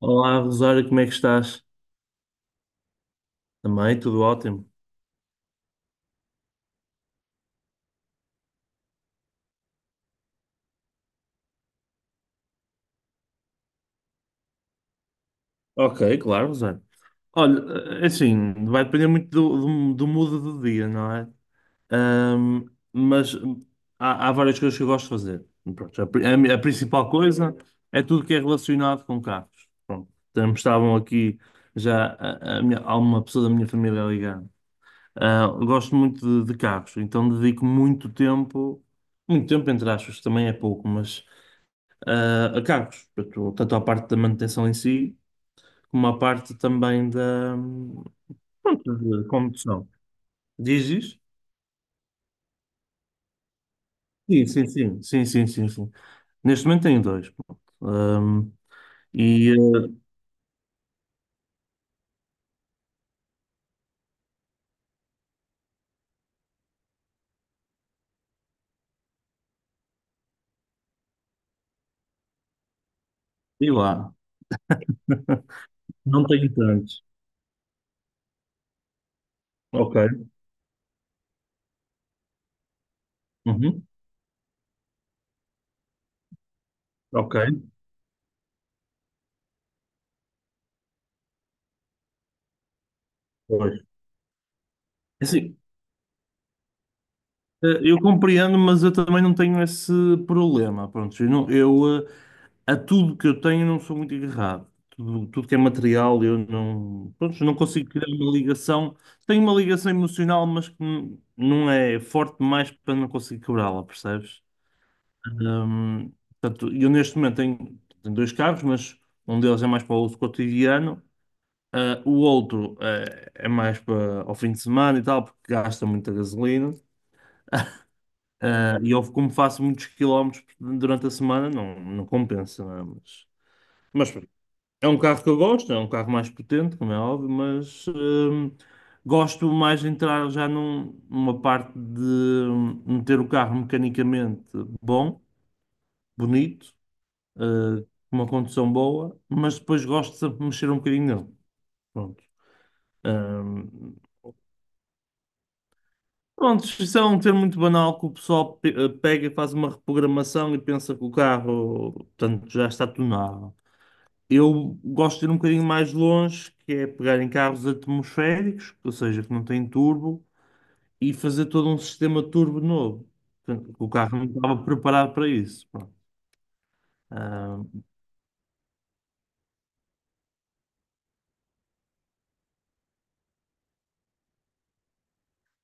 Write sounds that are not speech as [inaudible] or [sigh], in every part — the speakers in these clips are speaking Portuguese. Olá, Rosário, como é que estás? Também, tudo ótimo. Ok, claro, Rosário. Olha, assim, vai depender muito do mood do dia, não é? Mas há várias coisas que eu gosto de fazer. Pronto, a principal coisa é tudo que é relacionado com carros. Pronto, estavam aqui já há uma pessoa da minha família ligando. Eu gosto muito de carros, então dedico muito tempo entre aspas, também é pouco, mas a carros, portanto, tanto a parte da manutenção em si, como a parte também da, pronto, de condução. Diz isso? Sim, sim, sim, sim, sim, sim, sim. Neste momento tenho dois, pronto. E, eh, e lá, [laughs] não tenho tantos. Ok. Uhum. Ok. Pois. É assim, eu compreendo, mas eu também não tenho esse problema. Pronto. Eu, não- eu, eh, A tudo que eu tenho não sou muito agarrado. Tudo que é material eu não, pronto, não consigo criar uma ligação. Tenho uma ligação emocional, mas que não é forte demais para não conseguir quebrá-la, percebes? Hum, Portanto, eu neste momento tenho dois carros, mas um deles é mais para o uso cotidiano, o outro é mais para ao fim de semana e tal, porque gasta muita gasolina. E eu, como faço muitos quilómetros durante a semana, não compensa, não é? Mas, é um carro que eu gosto, é um carro mais potente, como é óbvio, mas gosto mais de entrar já numa parte de meter o carro mecanicamente bom, bonito, eh, com uma condução boa, mas depois gosto de sempre mexer um bocadinho nele. Pronto. Hum, Pronto, isso é um termo muito banal que o pessoal pega e faz uma reprogramação e pensa que o carro, portanto, já está tunado. Eu gosto de ir um bocadinho mais longe, que é pegar em carros atmosféricos, ou seja, que não têm turbo, e fazer todo um sistema turbo novo. Portanto, o carro não estava preparado para isso. Pronto. Ah,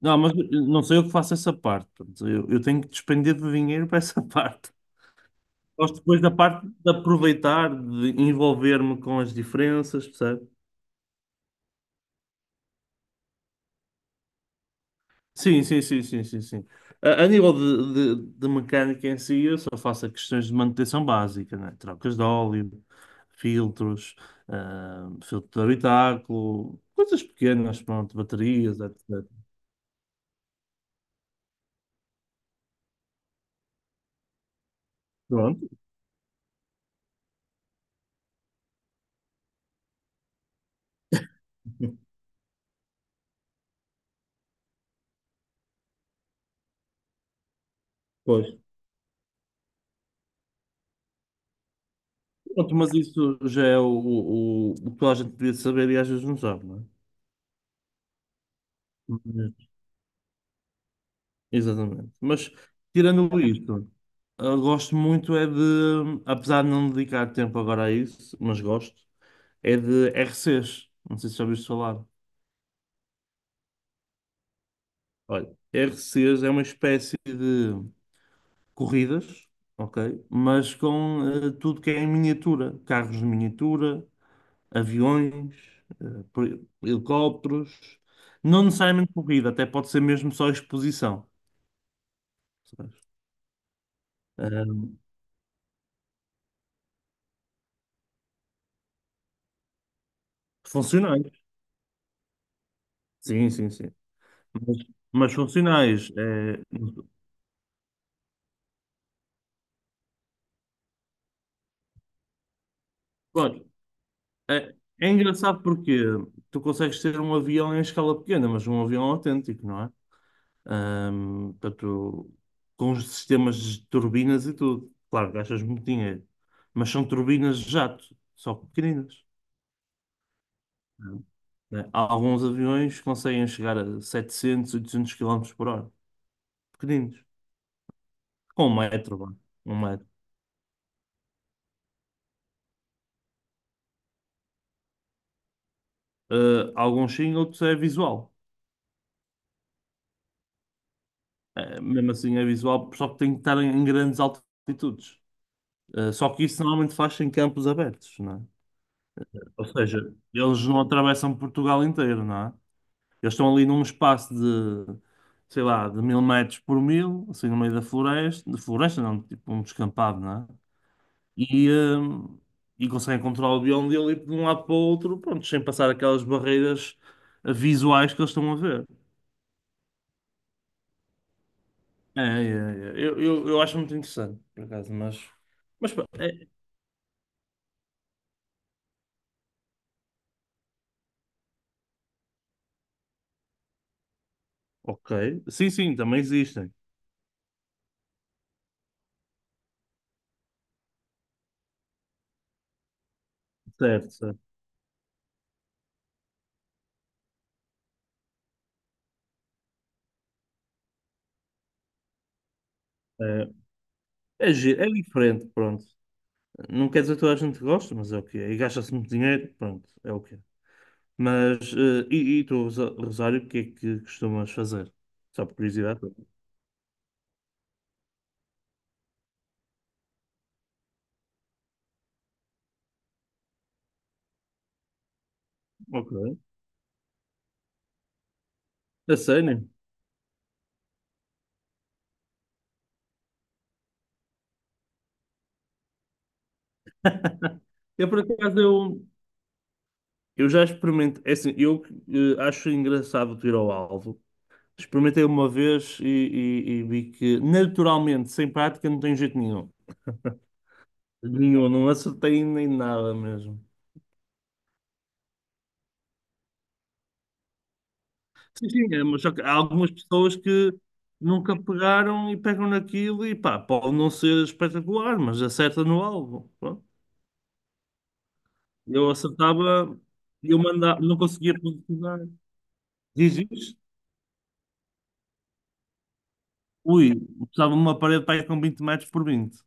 não, mas não sei eu que faço essa parte. Portanto, eu tenho que despender de dinheiro para essa [laughs] parte. Gosto depois da parte de aproveitar, de envolver-me com as diferenças, percebe? Sim, sim, sim, sim, sim, sim. A nível de mecânica em si, eu só faço questões de manutenção básica, né? Trocas de óleo, filtros, filtro de habitáculo, coisas pequenas, pronto, baterias, etc. Pronto, [laughs] pois. Pronto, mas isso já é o que toda a gente devia saber e às vezes não sabe, não é? Mas- Exatamente. Mas, tirando isto, eu gosto muito é de, apesar de não dedicar tempo agora a isso, mas gosto, é de RCs. Não sei se já ouviste falar. Olha, RCs é uma espécie de corridas, ok? Mas com tudo que é em miniatura. Carros de miniatura, aviões, helicópteros. Não necessariamente corrida, até pode ser mesmo só exposição. Sabes? Ahm, Funcionais. Sim, sim, sim. Mas, mas funcionais. É. Claro, é, é engraçado porque tu consegues ter um avião em escala pequena, mas um avião autêntico, não é? Portanto, com os sistemas de turbinas e tudo. Claro, gastas muito dinheiro, mas são turbinas de jato, só que pequeninas. Né? Há alguns aviões que conseguem chegar a 700, 800 km por hora, pequeninos, com 1 metro, vá, 1 metro. Alguns sim, outros é visual. Mesmo assim é visual, só que tem que estar em grandes altitudes. Só que isso normalmente faz em campos abertos, não é? Ou seja, eles não atravessam Portugal inteiro, não é? Eles estão ali num espaço de, sei lá, de mil metros por mil, assim no meio da floresta, de floresta não, tipo um descampado, não é? E, hum, e conseguem controlar o bioma dele de um lado para o outro, pronto, sem passar aquelas barreiras visuais que eles estão a ver. É, é, é. Eu acho muito interessante, por acaso, mas. Mas, pá, é, ok. Sim, sim, também existem. Certo, certo. É, é diferente, pronto. Não quer dizer que toda a gente gosta, mas é o que é. E gasta-se muito dinheiro, pronto, é o que é. Mas, e tu, Rosário, o que é que costumas fazer? Só por curiosidade. Ok. A sério? [laughs] Eu, por acaso, eu já experimentei. É assim, eu acho engraçado o tiro ao alvo. Experimentei uma vez e, e vi que, naturalmente, sem prática, não tem jeito nenhum. Nenhum, não acertei nem nada mesmo. Sim, sim, é, mas só que há algumas pessoas que nunca pegaram e pegam naquilo e pá, pode não ser espetacular, mas acerta no alvo. Eu acertava, eu mandava, não conseguia concretizar. Diz isso? Ui, estava numa parede para aí com 20 metros por 20.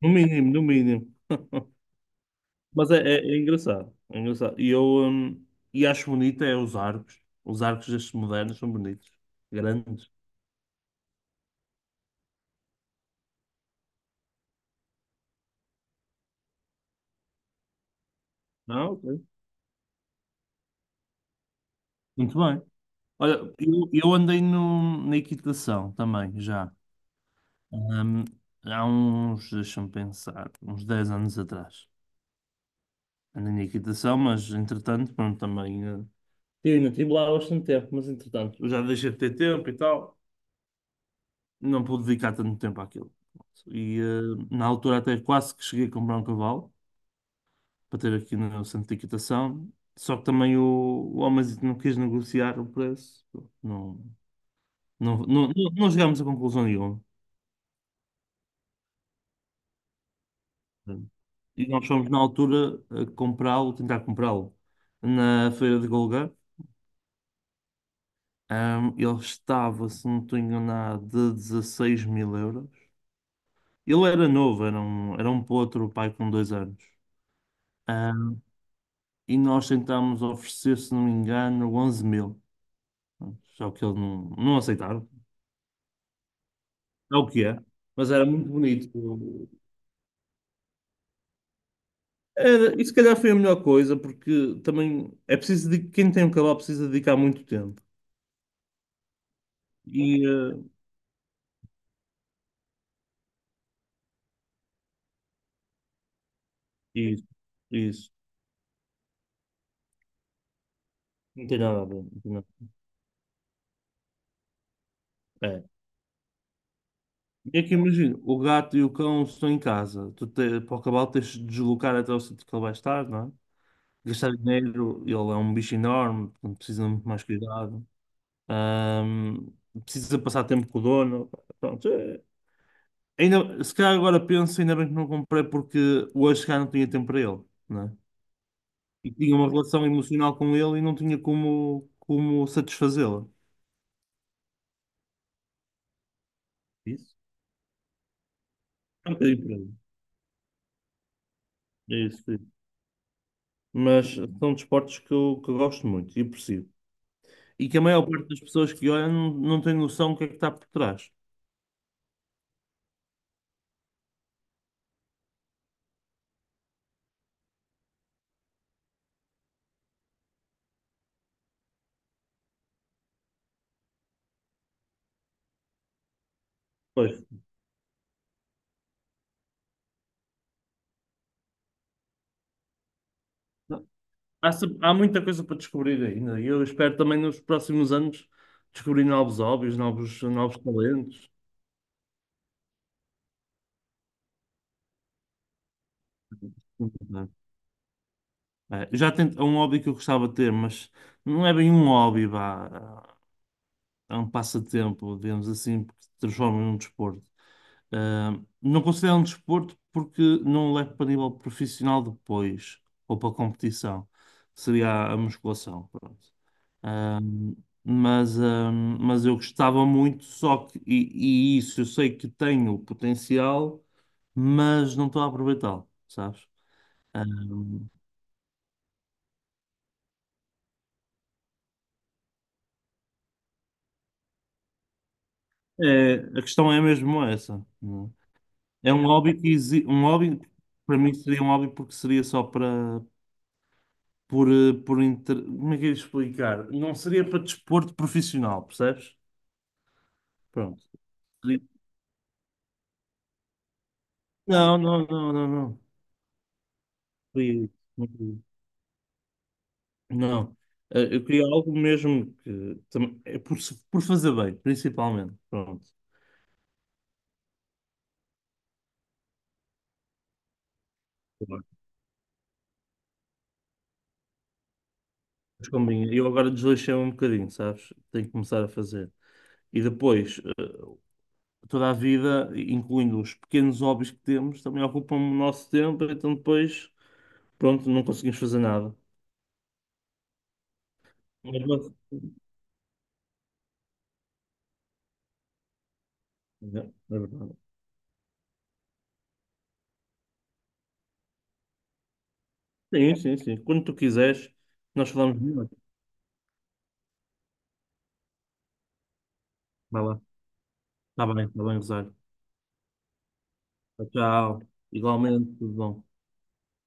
No mínimo, no mínimo. Mas é, é engraçado. É engraçado. E eu hum, e acho bonito é os arcos. Os arcos destes modernos são bonitos. Grandes. Ah, ok. Muito bem. Olha, eu andei no, na equitação também, já. Hum, Há uns, deixa-me pensar, uns 10 anos atrás. Andei na equitação, mas entretanto, pronto, também. Eu ainda estive lá bastante tempo, mas entretanto, eu já deixei de ter tempo e tal, não pude dedicar tanto tempo àquilo. E na altura até quase que cheguei a comprar um cavalo para ter aqui no centro de equitação, só que também o homenzito não quis negociar o preço, não, não, não, não, não chegámos a conclusão nenhuma. E nós fomos na altura a comprá-lo, tentar comprá-lo na feira de Golgã. Ele estava, se não estou enganado, de 16 mil euros. Ele era novo, era um potro, o pai com 2 anos. Ah, e nós tentámos oferecer, se não me engano, 11 mil. Só que eles não aceitaram. É o que é. Mas era muito bonito. Era, e se calhar foi a melhor coisa, porque também é preciso de quem tem um cavalo precisa dedicar muito tempo. E isso, isso. Não tem nada a ver. Não tem nada. É. E aqui imagina, o gato e o cão estão em casa. Para o cavalo tens de deslocar até o sítio que ele vai estar, não é? Gastar dinheiro, ele é um bicho enorme, portanto, precisa de muito mais cuidado. Ahm, Precisa passar tempo com o dono. Pronto, ainda, se calhar agora penso, ainda bem que não comprei porque hoje se calhar não tinha tempo para ele, né? E tinha uma relação emocional com ele e não tinha como satisfazê-la. Isso? É um bocadinho por aí. É isso, é isso. Mas são desportos que que eu gosto muito e aprecio. E que a maior parte das pessoas que olham não tem noção do que é que está por trás. Pois. Há, se- Há muita coisa para descobrir ainda. E eu espero também nos próximos anos descobrir novos hobbies, novos talentos. Muito. Já tento, é um hobby que eu gostava de ter, mas não é bem um hobby, vá. É um passatempo, digamos assim, porque se transforma num desporto. Não considero um desporto porque não o levo para nível profissional depois, ou para competição. Seria a musculação, pronto. Ah, mas eu gostava muito, só que, e isso eu sei que tenho potencial, mas não estou a aproveitá-lo, sabes? Ah, É, a questão é mesmo essa. É um hobby um hobby para mim seria um hobby porque seria só para por eh, por inter... como é que eu ia explicar? Não seria para desporto profissional, percebes? Pronto. Seria- Não, não, não, não, não. Seria- Não. Eu queria algo mesmo é por, se- por fazer bem, principalmente. Pronto. Mas combina. Eu agora desleixei um bocadinho, sabes? Tenho que começar a fazer. E depois, toda a vida, incluindo os pequenos hobbies que temos, também ocupam o nosso tempo, então depois, pronto, não conseguimos fazer nada. Mas, mas- É verdade. Sim, sim, sim. Quando tu quiseres, nós falamos melhor. Vai lá. Está bem, Rosário. Tchau. Igualmente, tudo bom.